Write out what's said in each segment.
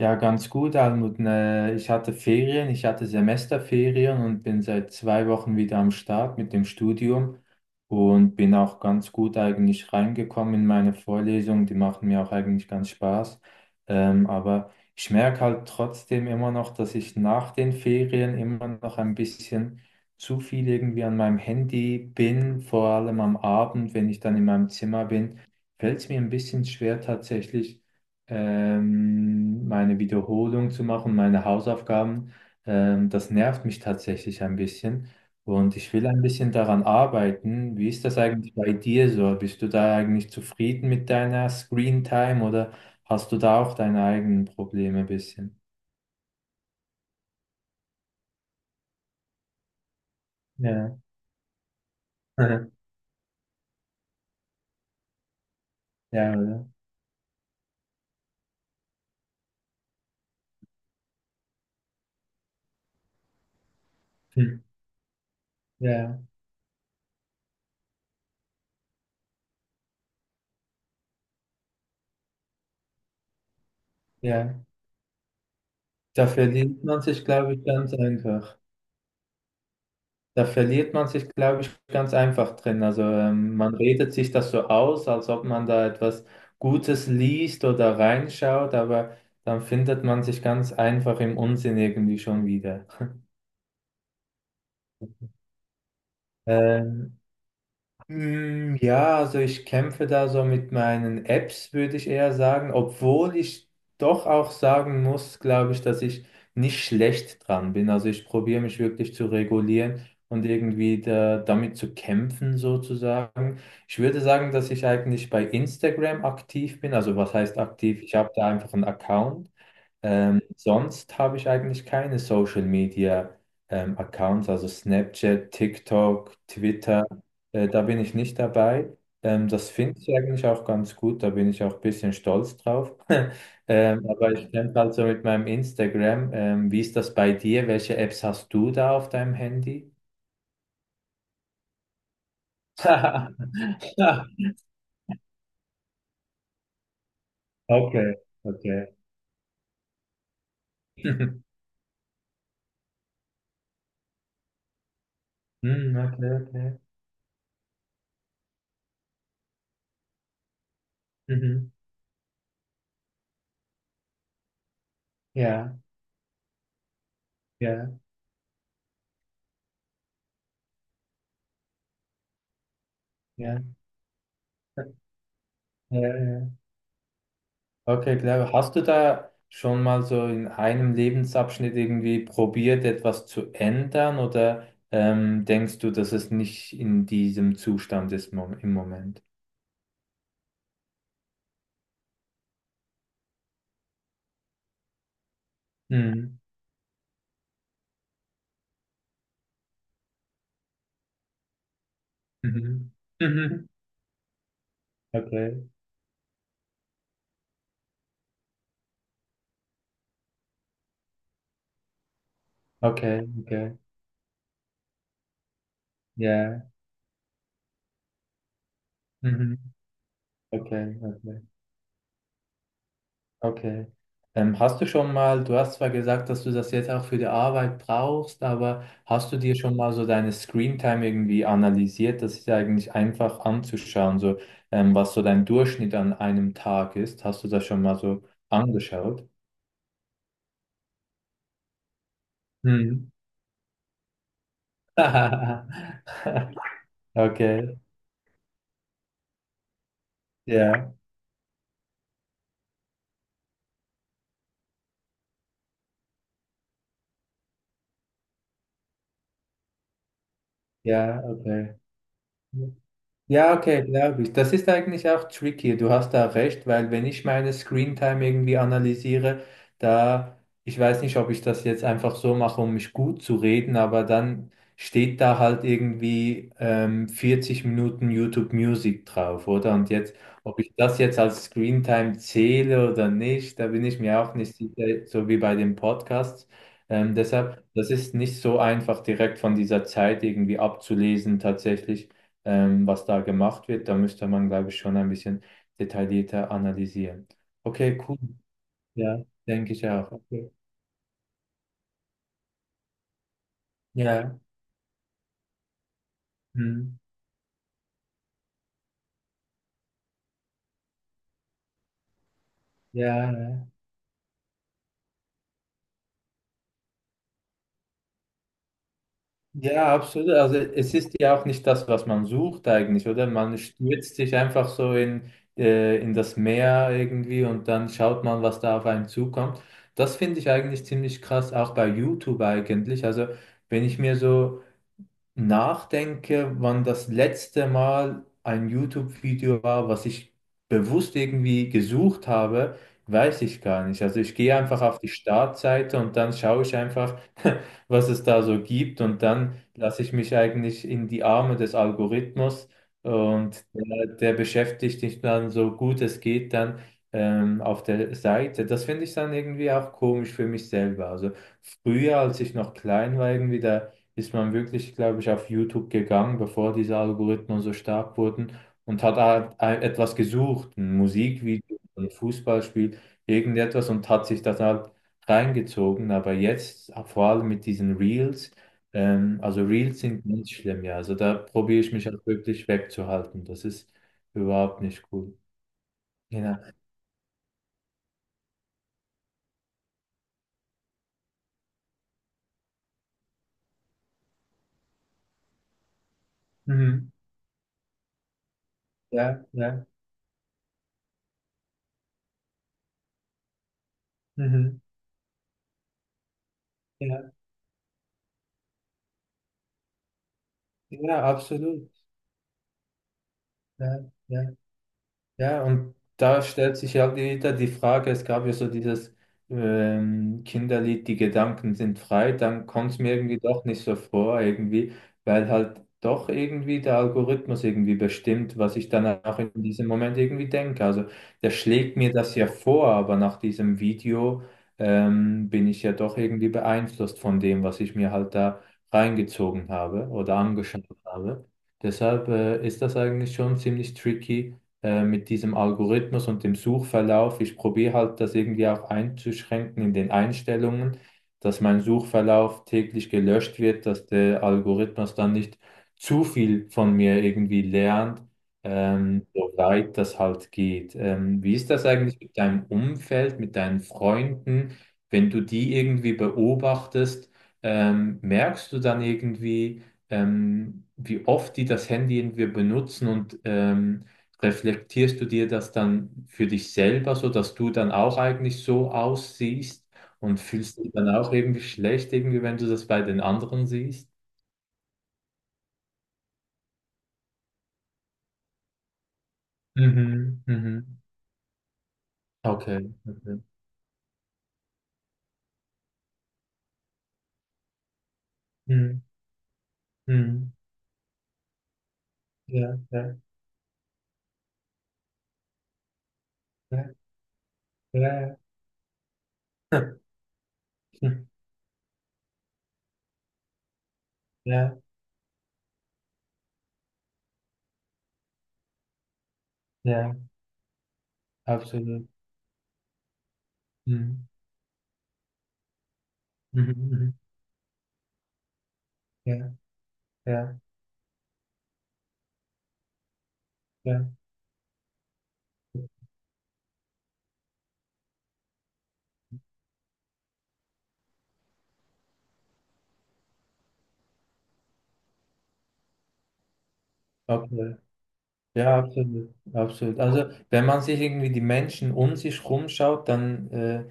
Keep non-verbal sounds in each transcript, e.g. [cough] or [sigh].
Ja, ganz gut, Almut. Ne, ich hatte Ferien, ich hatte Semesterferien und bin seit 2 Wochen wieder am Start mit dem Studium und bin auch ganz gut eigentlich reingekommen in meine Vorlesungen. Die machen mir auch eigentlich ganz Spaß. Aber ich merke halt trotzdem immer noch, dass ich nach den Ferien immer noch ein bisschen zu viel irgendwie an meinem Handy bin, vor allem am Abend, wenn ich dann in meinem Zimmer bin, fällt es mir ein bisschen schwer, tatsächlich meine Wiederholung zu machen, meine Hausaufgaben, das nervt mich tatsächlich ein bisschen. Und ich will ein bisschen daran arbeiten. Wie ist das eigentlich bei dir so? Bist du da eigentlich zufrieden mit deiner Screen Time oder hast du da auch deine eigenen Probleme ein bisschen? Ja. [laughs] Ja, oder? Hm. Ja, ja. Da verdient man sich, glaube ich, ganz einfach. Da verliert man sich, glaube ich, ganz einfach drin. Also man redet sich das so aus, als ob man da etwas Gutes liest oder reinschaut, aber dann findet man sich ganz einfach im Unsinn irgendwie schon wieder. Ähm, Ja, also ich kämpfe da so mit meinen Apps, würde ich eher sagen, obwohl ich doch auch sagen muss, glaube ich, dass ich nicht schlecht dran bin. Also ich probiere mich wirklich zu regulieren und irgendwie da, damit zu kämpfen sozusagen. Ich würde sagen, dass ich eigentlich bei Instagram aktiv bin. Also was heißt aktiv? Ich habe da einfach einen Account. Sonst habe ich eigentlich keine Social Media Accounts, also Snapchat, TikTok, Twitter. Da bin ich nicht dabei. Das finde ich eigentlich auch ganz gut. Da bin ich auch ein bisschen stolz drauf. [laughs] Aber ich kämpfe halt so mit meinem Instagram. Wie ist das bei dir? Welche Apps hast du da auf deinem Handy? [laughs] Okay, okay. [laughs] Hm, okay, okay. Mhm. Ja, ja, ja. Ja, ja. Okay, klar. Hast du da schon mal so in einem Lebensabschnitt irgendwie probiert, etwas zu ändern, oder denkst du, dass es nicht in diesem Zustand ist mom im Moment? Mhm. Mhm. Mhm. Okay, okay, okay. Ja. Mhm. Okay, okay. Okay. Hast du schon mal, du hast zwar gesagt, dass du das jetzt auch für die Arbeit brauchst, aber hast du dir schon mal so deine Screentime irgendwie analysiert? Das ist ja eigentlich einfach anzuschauen, so was so dein Durchschnitt an einem Tag ist. Hast du das schon mal so angeschaut? Hm. [laughs] Okay, ja, ja, okay. Ja, okay, glaube ich. Das ist eigentlich auch tricky. Du hast da recht, weil wenn ich meine Screentime irgendwie analysiere, da, ich weiß nicht, ob ich das jetzt einfach so mache, um mich gut zu reden, aber dann steht da halt irgendwie 40 Minuten YouTube Music drauf, oder? Und jetzt, ob ich das jetzt als Screentime zähle oder nicht, da bin ich mir auch nicht sicher, so wie bei den Podcasts. Deshalb, das ist nicht so einfach direkt von dieser Zeit irgendwie abzulesen, tatsächlich was da gemacht wird. Da müsste man, glaube ich, schon ein bisschen detaillierter analysieren. Okay, cool. Ja, denke ich auch. Okay. Ja. Hm. Ja, ja, ja, absolut. Also es ist ja auch nicht das, was man sucht eigentlich, oder? Man stürzt sich einfach so in das Meer irgendwie, und dann schaut man, was da auf einen zukommt. Das finde ich eigentlich ziemlich krass, auch bei YouTube eigentlich. Also wenn ich mir so nachdenke, wann das letzte Mal ein YouTube-Video war, was ich bewusst irgendwie gesucht habe, weiß ich gar nicht. Also ich gehe einfach auf die Startseite und dann schaue ich einfach, [laughs] was es da so gibt, und dann lasse ich mich eigentlich in die Arme des Algorithmus, und der, der beschäftigt dich dann so gut es geht dann auf der Seite. Das finde ich dann irgendwie auch komisch für mich selber. Also früher, als ich noch klein war, irgendwie da ist man wirklich, glaube ich, auf YouTube gegangen, bevor diese Algorithmen so stark wurden, und hat halt etwas gesucht, ein Musikvideo, ein Fußballspiel, irgendetwas, und hat sich das halt reingezogen. Aber jetzt, vor allem mit diesen Reels, also Reels sind ganz schlimm, ja. Also da probiere ich mich halt wirklich wegzuhalten. Das ist überhaupt nicht cool. Genau. Mhm. Ja, ja, mhm. Ja, ja, absolut. Ja, ja. Ja, und da stellt sich ja wieder die Frage, es gab ja so dieses Kinderlied, die Gedanken sind frei, dann kommt es mir irgendwie doch nicht so vor, irgendwie, weil halt doch irgendwie der Algorithmus irgendwie bestimmt, was ich dann auch in diesem Moment irgendwie denke. Also der schlägt mir das ja vor, aber nach diesem Video bin ich ja doch irgendwie beeinflusst von dem, was ich mir halt da reingezogen habe oder angeschaut habe. Deshalb ist das eigentlich schon ziemlich tricky, mit diesem Algorithmus und dem Suchverlauf. Ich probiere halt das irgendwie auch einzuschränken in den Einstellungen, dass mein Suchverlauf täglich gelöscht wird, dass der Algorithmus dann nicht zu viel von mir irgendwie lernt, soweit das halt geht. Wie ist das eigentlich mit deinem Umfeld, mit deinen Freunden, wenn du die irgendwie beobachtest? Merkst du dann irgendwie, wie oft die das Handy irgendwie benutzen, und reflektierst du dir das dann für dich selber, so dass du dann auch eigentlich so aussiehst und fühlst dich dann auch irgendwie schlecht, irgendwie, wenn du das bei den anderen siehst? Mhm, mhm. Okay, okay. Mhm, mhm. Ja, ja, ja, ja, ja, [laughs] ja, ja, absolut. Mhm, mhm, mhm. Ja, ja, ja, okay. Ja, absolut, absolut. Also, wenn man sich irgendwie die Menschen um sich rumschaut, dann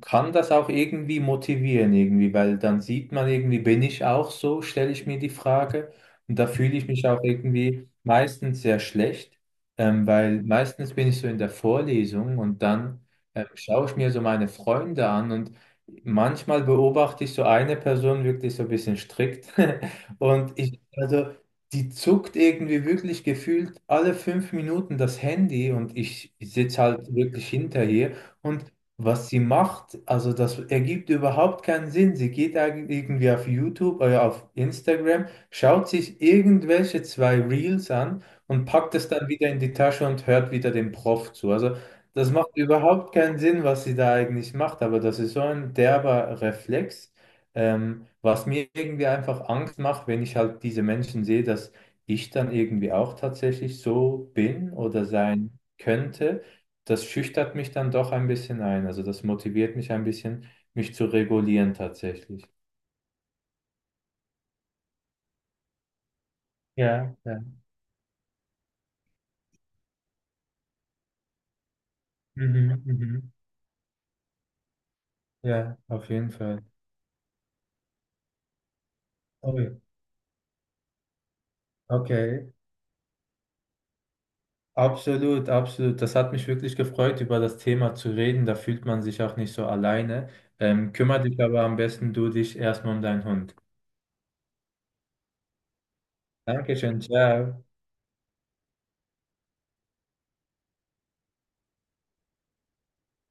kann das auch irgendwie motivieren, irgendwie, weil dann sieht man irgendwie, bin ich auch so, stelle ich mir die Frage. Und da fühle ich mich auch irgendwie meistens sehr schlecht, weil meistens bin ich so in der Vorlesung, und dann schaue ich mir so meine Freunde an, und manchmal beobachte ich so eine Person wirklich so ein bisschen strikt, [laughs] und ich, also die zuckt irgendwie wirklich gefühlt alle 5 Minuten das Handy, und ich sitze halt wirklich hinter ihr. Und was sie macht, also das ergibt überhaupt keinen Sinn. Sie geht eigentlich irgendwie auf YouTube oder auf Instagram, schaut sich irgendwelche 2 Reels an und packt es dann wieder in die Tasche und hört wieder dem Prof zu. Also das macht überhaupt keinen Sinn, was sie da eigentlich macht, aber das ist so ein derber Reflex, was mir irgendwie einfach Angst macht, wenn ich halt diese Menschen sehe, dass ich dann irgendwie auch tatsächlich so bin oder sein könnte, das schüchtert mich dann doch ein bisschen ein. Also das motiviert mich ein bisschen, mich zu regulieren, tatsächlich. Ja, ja. Mhm, mhm. Ja, auf jeden Fall. Oh, ja. Okay. Absolut, absolut. Das hat mich wirklich gefreut, über das Thema zu reden. Da fühlt man sich auch nicht so alleine. Kümmere dich aber am besten du dich erstmal um deinen Hund. Dankeschön, ciao.